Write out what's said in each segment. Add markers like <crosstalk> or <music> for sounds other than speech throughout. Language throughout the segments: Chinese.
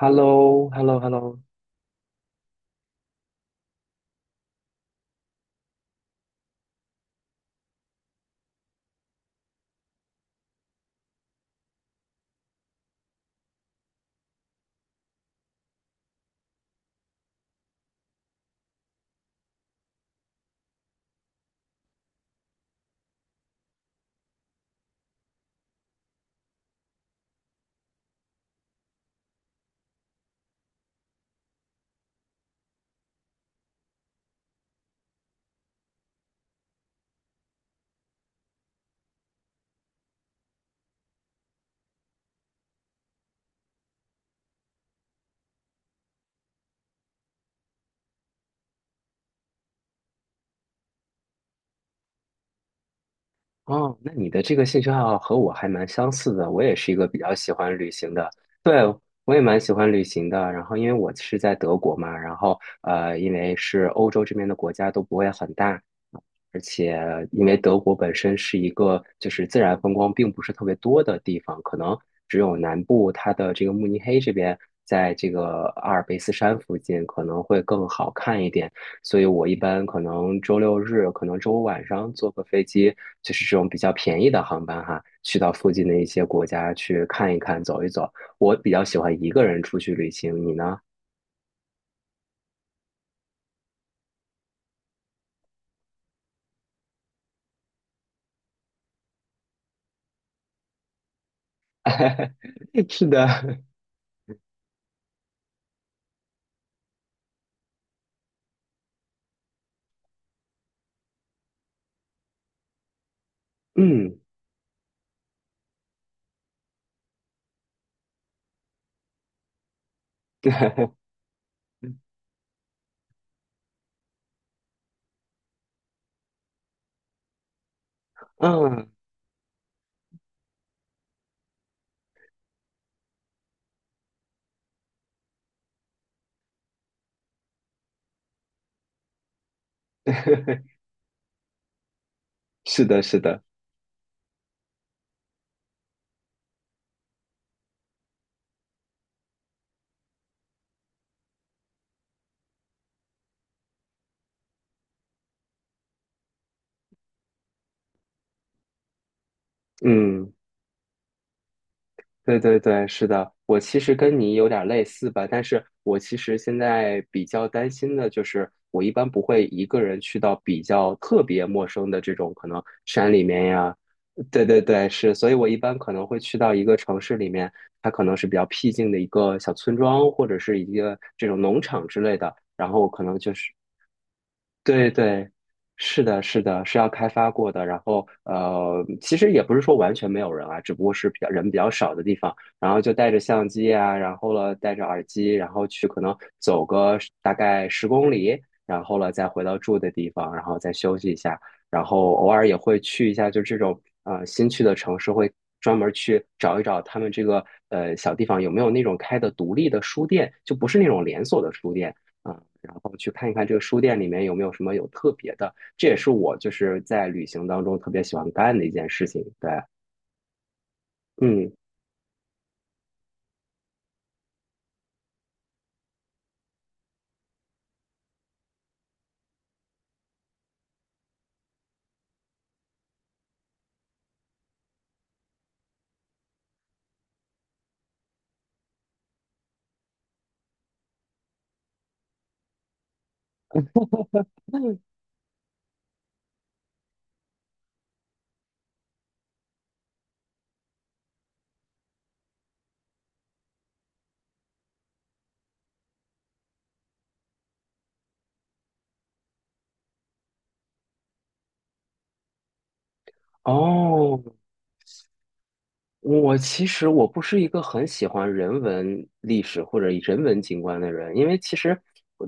h e l l o h e l l o h e l l o 哦，那你的这个兴趣爱好和我还蛮相似的，我也是一个比较喜欢旅行的，对，我也蛮喜欢旅行的。然后因为我是在德国嘛，然后因为是欧洲这边的国家都不会很大，而且因为德国本身是一个就是自然风光并不是特别多的地方，可能只有南部它的这个慕尼黑这边，在这个阿尔卑斯山附近可能会更好看一点。所以我一般可能周六日，可能周五晚上坐个飞机，就是这种比较便宜的航班哈，去到附近的一些国家去看一看、走一走。我比较喜欢一个人出去旅行，你呢？<laughs> 是的，嗯，<laughs> 嗯。<laughs> 是的，是的，嗯，对对对，是的。我其实跟你有点类似吧，但是我其实现在比较担心的就是，我一般不会一个人去到比较特别陌生的这种可能山里面呀。对对对，是，所以我一般可能会去到一个城市里面，它可能是比较僻静的一个小村庄，或者是一个这种农场之类的，然后我可能就是对对，是的，是的，是要开发过的。然后，其实也不是说完全没有人啊，只不过是比较人比较少的地方。然后就带着相机啊，然后了带着耳机，然后去可能走个大概10公里，然后了再回到住的地方，然后再休息一下。然后偶尔也会去一下，就这种新去的城市，会专门去找一找他们这个小地方有没有那种开的独立的书店，就不是那种连锁的书店。嗯，然后去看一看这个书店里面有没有什么有特别的，这也是我就是在旅行当中特别喜欢干的一件事情。对，嗯，哦，我其实我不是一个很喜欢人文历史或者人文景观的人，因为其实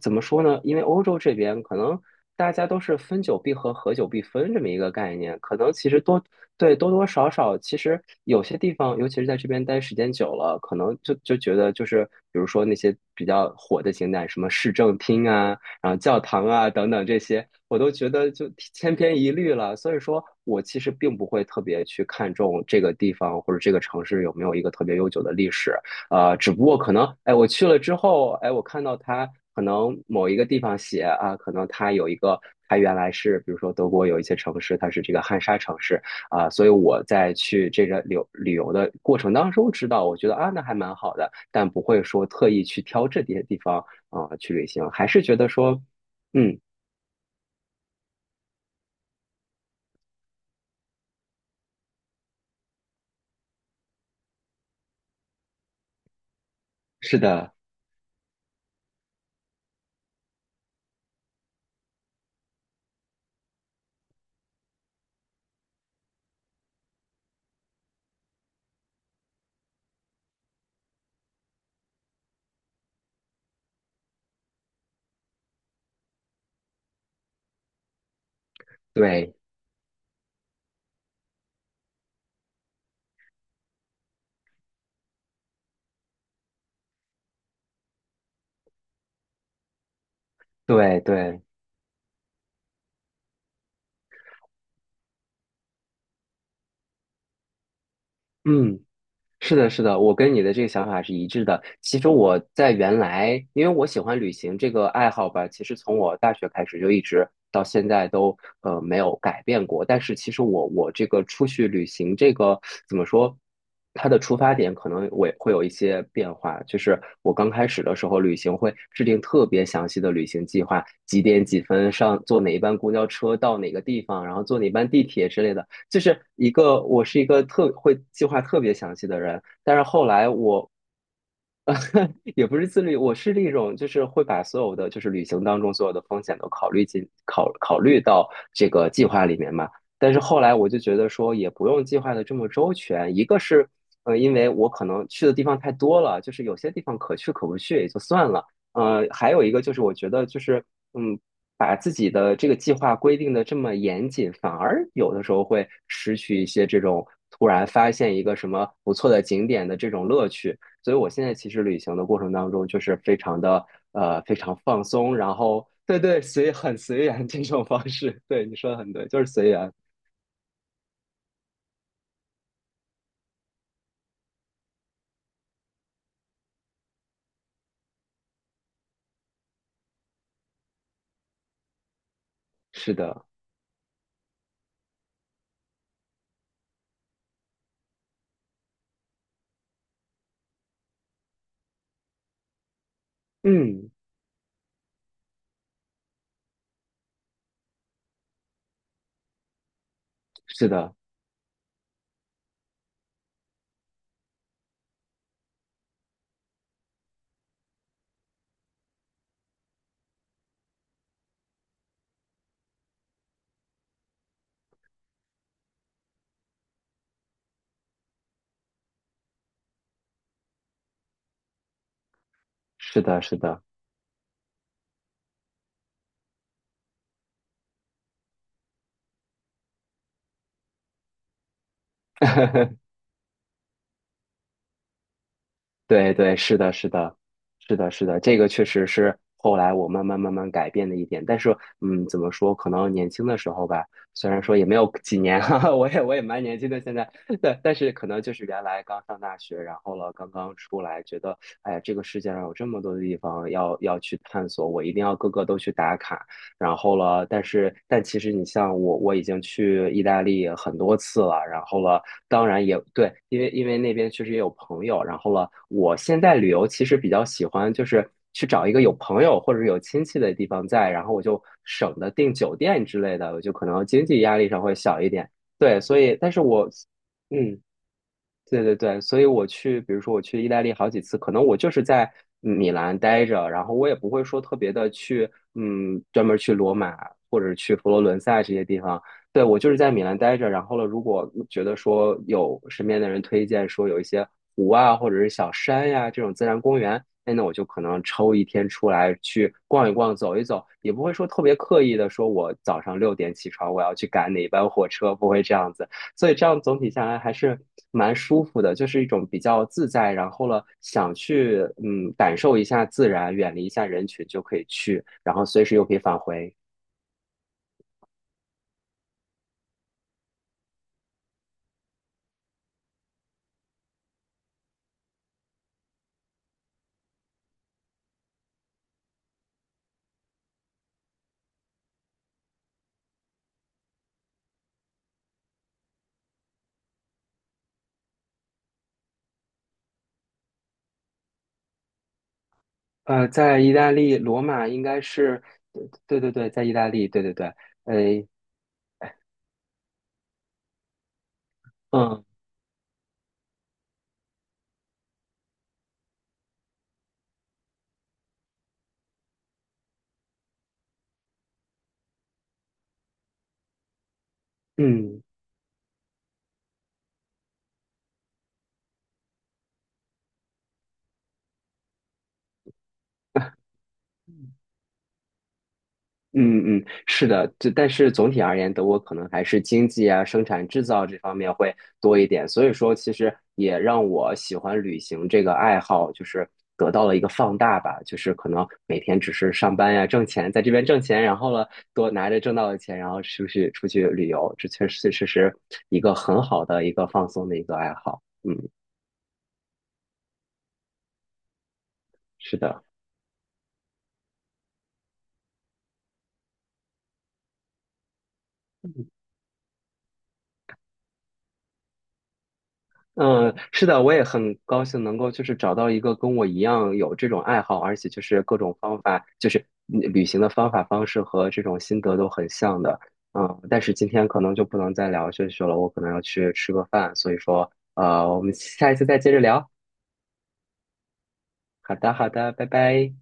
怎么说呢？因为欧洲这边可能大家都是分久必合，合久必分这么一个概念，可能其实多多少少，其实有些地方，尤其是在这边待时间久了，可能就觉得就是比如说那些比较火的景点，什么市政厅啊，然后教堂啊等等这些，我都觉得就千篇一律了。所以说我其实并不会特别去看重这个地方或者这个城市有没有一个特别悠久的历史，只不过可能，哎，我去了之后，哎，我看到它可能某一个地方写啊，可能它有一个。它原来是，比如说德国有一些城市，它是这个汉莎城市啊，所以我在去这个旅游的过程当中知道，我觉得啊，那还蛮好的，但不会说特意去挑这些地方去旅行，还是觉得说，嗯，是的，对对对，嗯，是的，是的，我跟你的这个想法是一致的。其实我在原来，因为我喜欢旅行这个爱好吧，其实从我大学开始就一直到现在都没有改变过。但是其实我这个出去旅行这个怎么说，它的出发点可能我也会有一些变化。就是我刚开始的时候，旅行会制定特别详细的旅行计划，几点几分上坐哪一班公交车到哪个地方，然后坐哪班地铁之类的。就是一个我是一个特会计划特别详细的人，但是后来我 <laughs> 也不是自律，我是那种就是会把所有的就是旅行当中所有的风险都考虑进考虑到这个计划里面嘛。但是后来我就觉得说也不用计划的这么周全，一个是因为我可能去的地方太多了，就是有些地方可去可不去也就算了，还有一个就是我觉得就是嗯把自己的这个计划规定的这么严谨，反而有的时候会失去一些这种突然发现一个什么不错的景点的这种乐趣。所以我现在其实旅行的过程当中，就是非常的非常放松，然后对对，随很随缘这种方式。<laughs> 对，你说的很对，就是随缘。是的，嗯，是的，是的，是的。对对，是的，是的，是的，是的，这个确实是后来我慢慢慢慢改变的一点。但是，嗯，怎么说？可能年轻的时候吧，虽然说也没有几年，<laughs> 哈哈，我也蛮年轻的现在，<laughs> 对，但是可能就是原来刚上大学，然后了刚刚出来，觉得哎呀，这个世界上有这么多的地方要去探索，我一定要各个都去打卡。然后了，但是但其实你像我，我已经去意大利很多次了，然后了，当然也对，因为因为那边确实也有朋友，然后了，我现在旅游其实比较喜欢就是去找一个有朋友或者有亲戚的地方在，然后我就省得订酒店之类的，我就可能经济压力上会小一点。对，所以但是我，嗯。对对对，所以我去，比如说我去意大利好几次，可能我就是在米兰待着，然后我也不会说特别的去，嗯，专门去罗马或者去佛罗伦萨这些地方。对，我就是在米兰待着，然后呢，如果觉得说有身边的人推荐说有一些湖啊，或者是小山呀、这种自然公园，哎，那我就可能抽一天出来去逛一逛、走一走，也不会说特别刻意的说我早上6点起床，我要去赶哪班火车，不会这样子。所以这样总体下来还是蛮舒服的，就是一种比较自在，然后了想去嗯感受一下自然，远离一下人群就可以去，然后随时又可以返回。在意大利罗马应该是，对对对，在意大利，对对对，哎，嗯嗯。嗯嗯，是的，这但是总体而言，德国可能还是经济啊、生产制造这方面会多一点，所以说其实也让我喜欢旅行这个爱好，就是得到了一个放大吧，就是可能每天只是上班呀、挣钱，在这边挣钱，然后呢，多拿着挣到的钱，然后出去出去旅游，这确实确实是一个很好的一个放松的一个爱好。嗯，是的。嗯，是的，我也很高兴能够就是找到一个跟我一样有这种爱好，而且就是各种方法，就是嗯旅行的方法、方式和这种心得都很像的。嗯，但是今天可能就不能再聊下去了，我可能要去吃个饭，所以说，我们下一次再接着聊。好的，好的，拜拜。